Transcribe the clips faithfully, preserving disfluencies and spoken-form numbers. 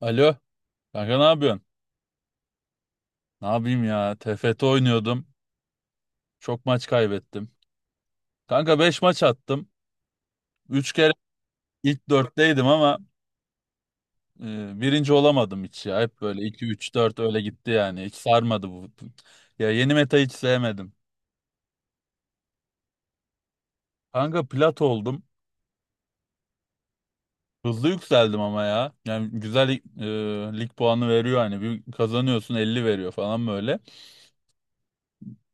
Alo, kanka ne yapıyorsun? Ne yapayım ya? T F T oynuyordum. Çok maç kaybettim. Kanka beş maç attım. Üç kere ilk dördüncüdeydim ama e, birinci olamadım hiç ya. Hep böyle iki, üç, dört öyle gitti yani. Hiç sarmadı bu. Ya yeni meta hiç sevmedim. Kanka plat oldum. Hızlı yükseldim ama ya. Yani güzel e, lig puanı veriyor hani. Bir kazanıyorsun elli veriyor falan böyle.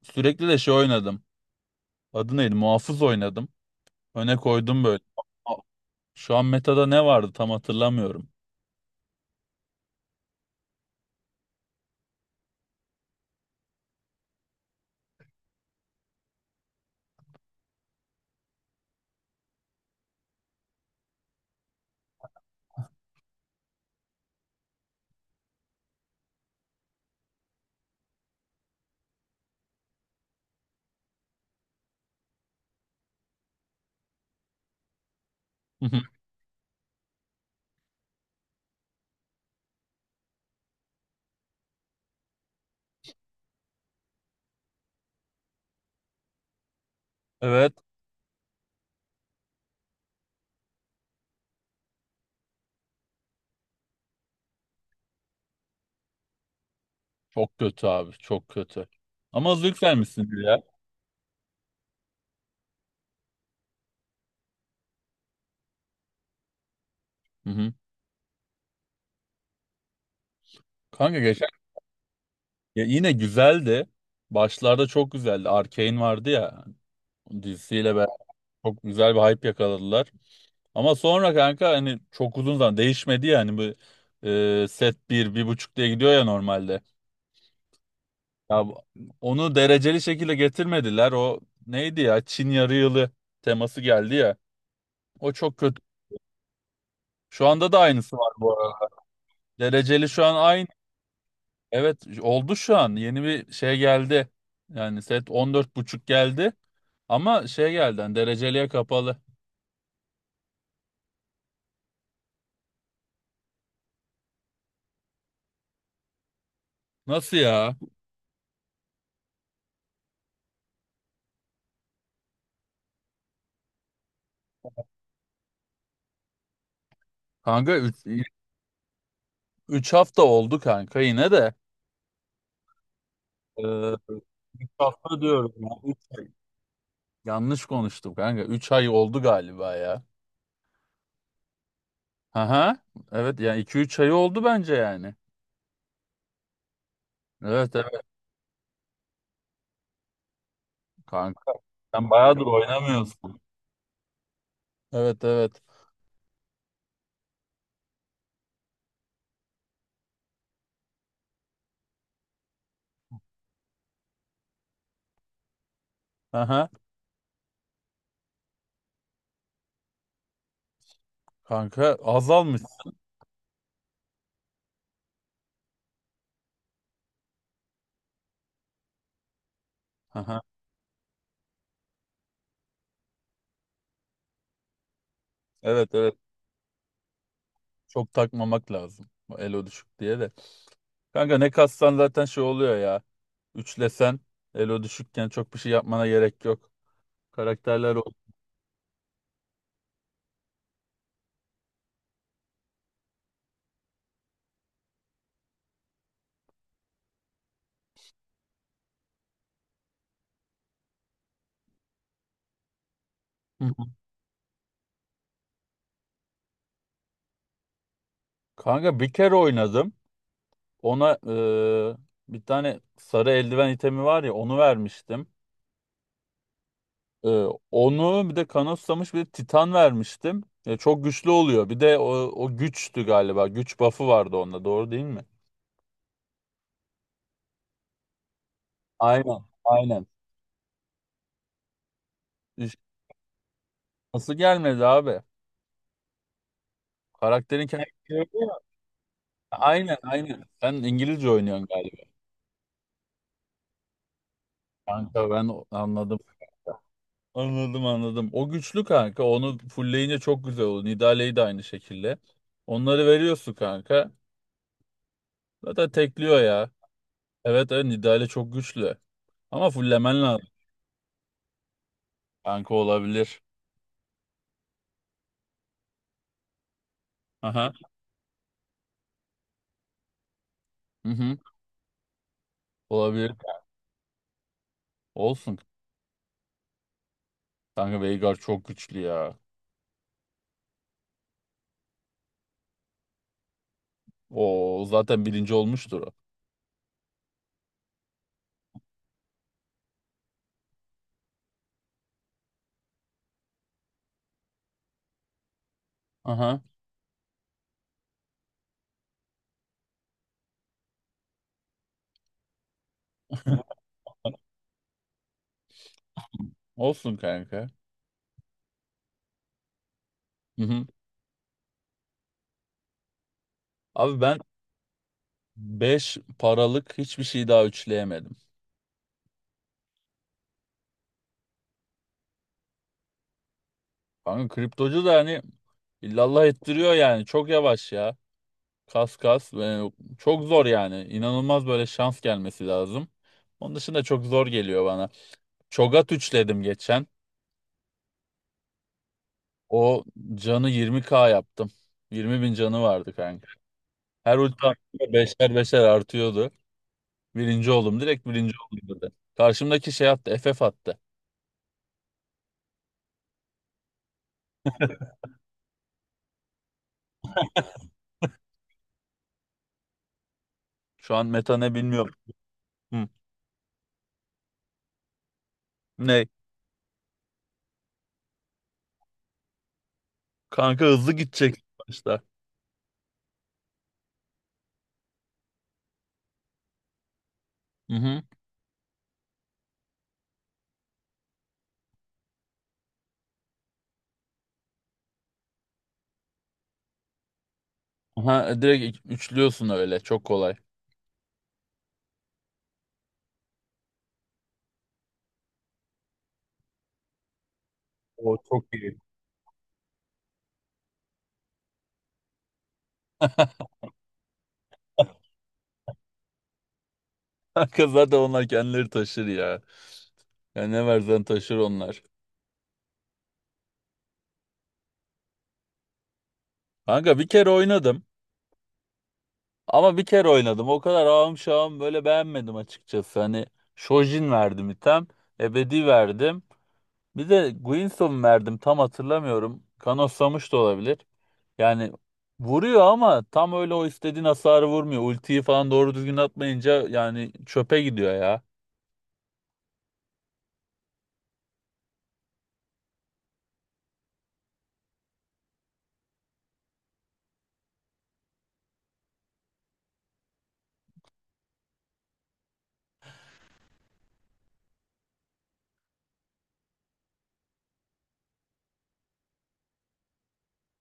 Sürekli de şey oynadım. Adı neydi? Muhafız oynadım. Öne koydum böyle. Şu an metada ne vardı tam hatırlamıyorum. Hı hı. Evet. Çok kötü abi. Çok kötü. Ama zevklenmişsindir ya. Hı hı. Kanka geçen ya yine güzeldi. Başlarda çok güzeldi. Arcane vardı ya, dizisiyle beraber çok güzel bir hype yakaladılar. Ama sonra kanka hani çok uzun zaman değişmedi ya, hani bu e, set bir bir buçuk diye gidiyor ya normalde. Ya bu- onu dereceli şekilde getirmediler. O neydi ya, Çin yarı yılı teması geldi ya. O çok kötü. Şu anda da aynısı var bu arada. Dereceli şu an aynı. Evet, oldu şu an. Yeni bir şey geldi. Yani set on dört buçuk geldi. Ama şey geldi hani, dereceliye kapalı. Nasıl ya? Kanka üç hafta oldu kanka yine de. Ee, üç hafta diyorum ya. Üç ay. Yanlış konuştum kanka. Üç ay oldu galiba ya. Aha. Evet yani iki üç ay oldu bence yani. Evet evet kanka. Sen bayağıdır oynamıyorsun. Evet evet. Aha. Kanka azalmış. Aha. Evet evet. Çok takmamak lazım. Bu Elo düşük diye de. Kanka ne kassan zaten şey oluyor ya. Üçlesen elo düşükken çok bir şey yapmana gerek yok. Karakterler o. Hı hı. Kanka bir kere oynadım. Ona e, bir tane sarı eldiven itemi var ya, onu vermiştim. E, onu bir de kanıtsamış bir titan vermiştim. E, çok güçlü oluyor. Bir de o, o güçtü galiba. Güç buff'ı vardı onda, doğru değil mi? Aynen. Aynen. İş- nasıl gelmedi abi? Karakterin kendisi. Aynen aynen. Sen İngilizce oynuyorsun galiba. Kanka ben o- anladım. Anladım anladım. O güçlü kanka. Onu fullleyince çok güzel olur. Nidalee'yi de aynı şekilde. Onları veriyorsun kanka. Zaten tekliyor ya. Evet evet, Nidale çok güçlü. Ama fulllemen lazım. Kanka olabilir. Aha. Hı hı. Olabilir. Olsun. Kanka Veigar çok güçlü ya. O zaten birinci olmuştur o. Aha. Olsun kanka. Hı hı. Abi ben beş paralık hiçbir şey daha üçleyemedim. Kanka kriptocu da hani illallah ettiriyor yani. Çok yavaş ya. Kas kas. Ee, çok zor yani. İnanılmaz, böyle şans gelmesi lazım. Onun dışında çok zor geliyor bana. Çogat üçledim geçen. O canı yirmi bin yaptım. 20 bin canı vardı kanka. Her ulti attığımda beşer beşer artıyordu. Birinci oldum. Direkt birinci oldum dedi. Karşımdaki şey attı. F F attı. Şu an meta ne bilmiyorum. Hı. Ne? Kanka hızlı gidecek başta. Hı hı. Aha, direkt üçlüyorsun öyle. Çok kolay. O çok iyi. Kanka zaten onlar kendileri taşır ya. Ya ne versen taşır onlar. Kanka bir kere oynadım. Ama bir kere oynadım. O kadar ağım şağım, böyle beğenmedim açıkçası. Hani Shojin verdim item. Ebedi verdim. Bir de Guinsoo verdim. Tam hatırlamıyorum. Kanoslamış da olabilir. Yani vuruyor ama tam öyle o istediğin hasarı vurmuyor. Ultiyi falan doğru düzgün atmayınca yani çöpe gidiyor ya.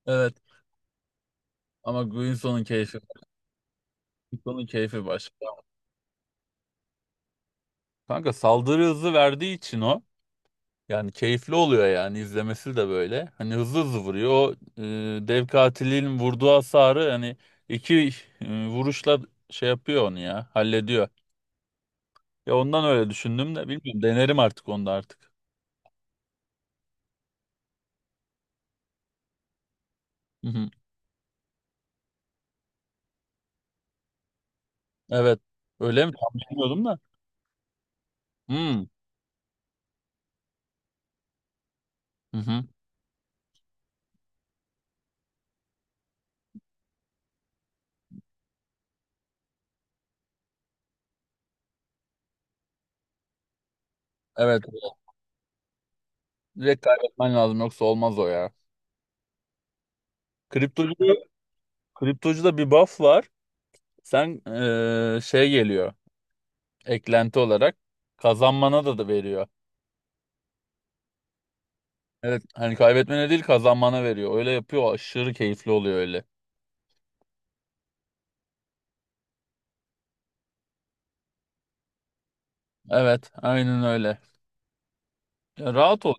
Evet. Ama Guinsoo'nun keyfi, Guinsoo'nun keyfi başka. Kanka saldırı hızı verdiği için o, yani keyifli oluyor yani izlemesi de böyle. Hani hızlı hızlı vuruyor. O, e, dev katilin vurduğu hasarı hani iki e, vuruşla şey yapıyor onu ya, hallediyor. Ya ondan öyle düşündüm de bilmiyorum, denerim artık onu da artık. Hı hı. Evet, öyle mi? Tam bilmiyordum da. Hmm. Hı hı. Evet evet. Direkt kaybetmen lazım yoksa olmaz o ya. Kriptocuda, kriptocuda bir buff var. Sen e, şey geliyor eklenti olarak, kazanmana da da veriyor. Evet, hani kaybetmene değil kazanmana veriyor. Öyle yapıyor, aşırı keyifli oluyor öyle. Evet, aynen öyle. Ya rahat ol.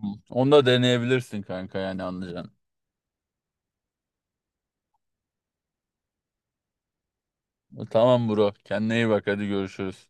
Hı. Onu da deneyebilirsin kanka, yani anlayacaksın. Tamam bro, kendine iyi bak, hadi görüşürüz.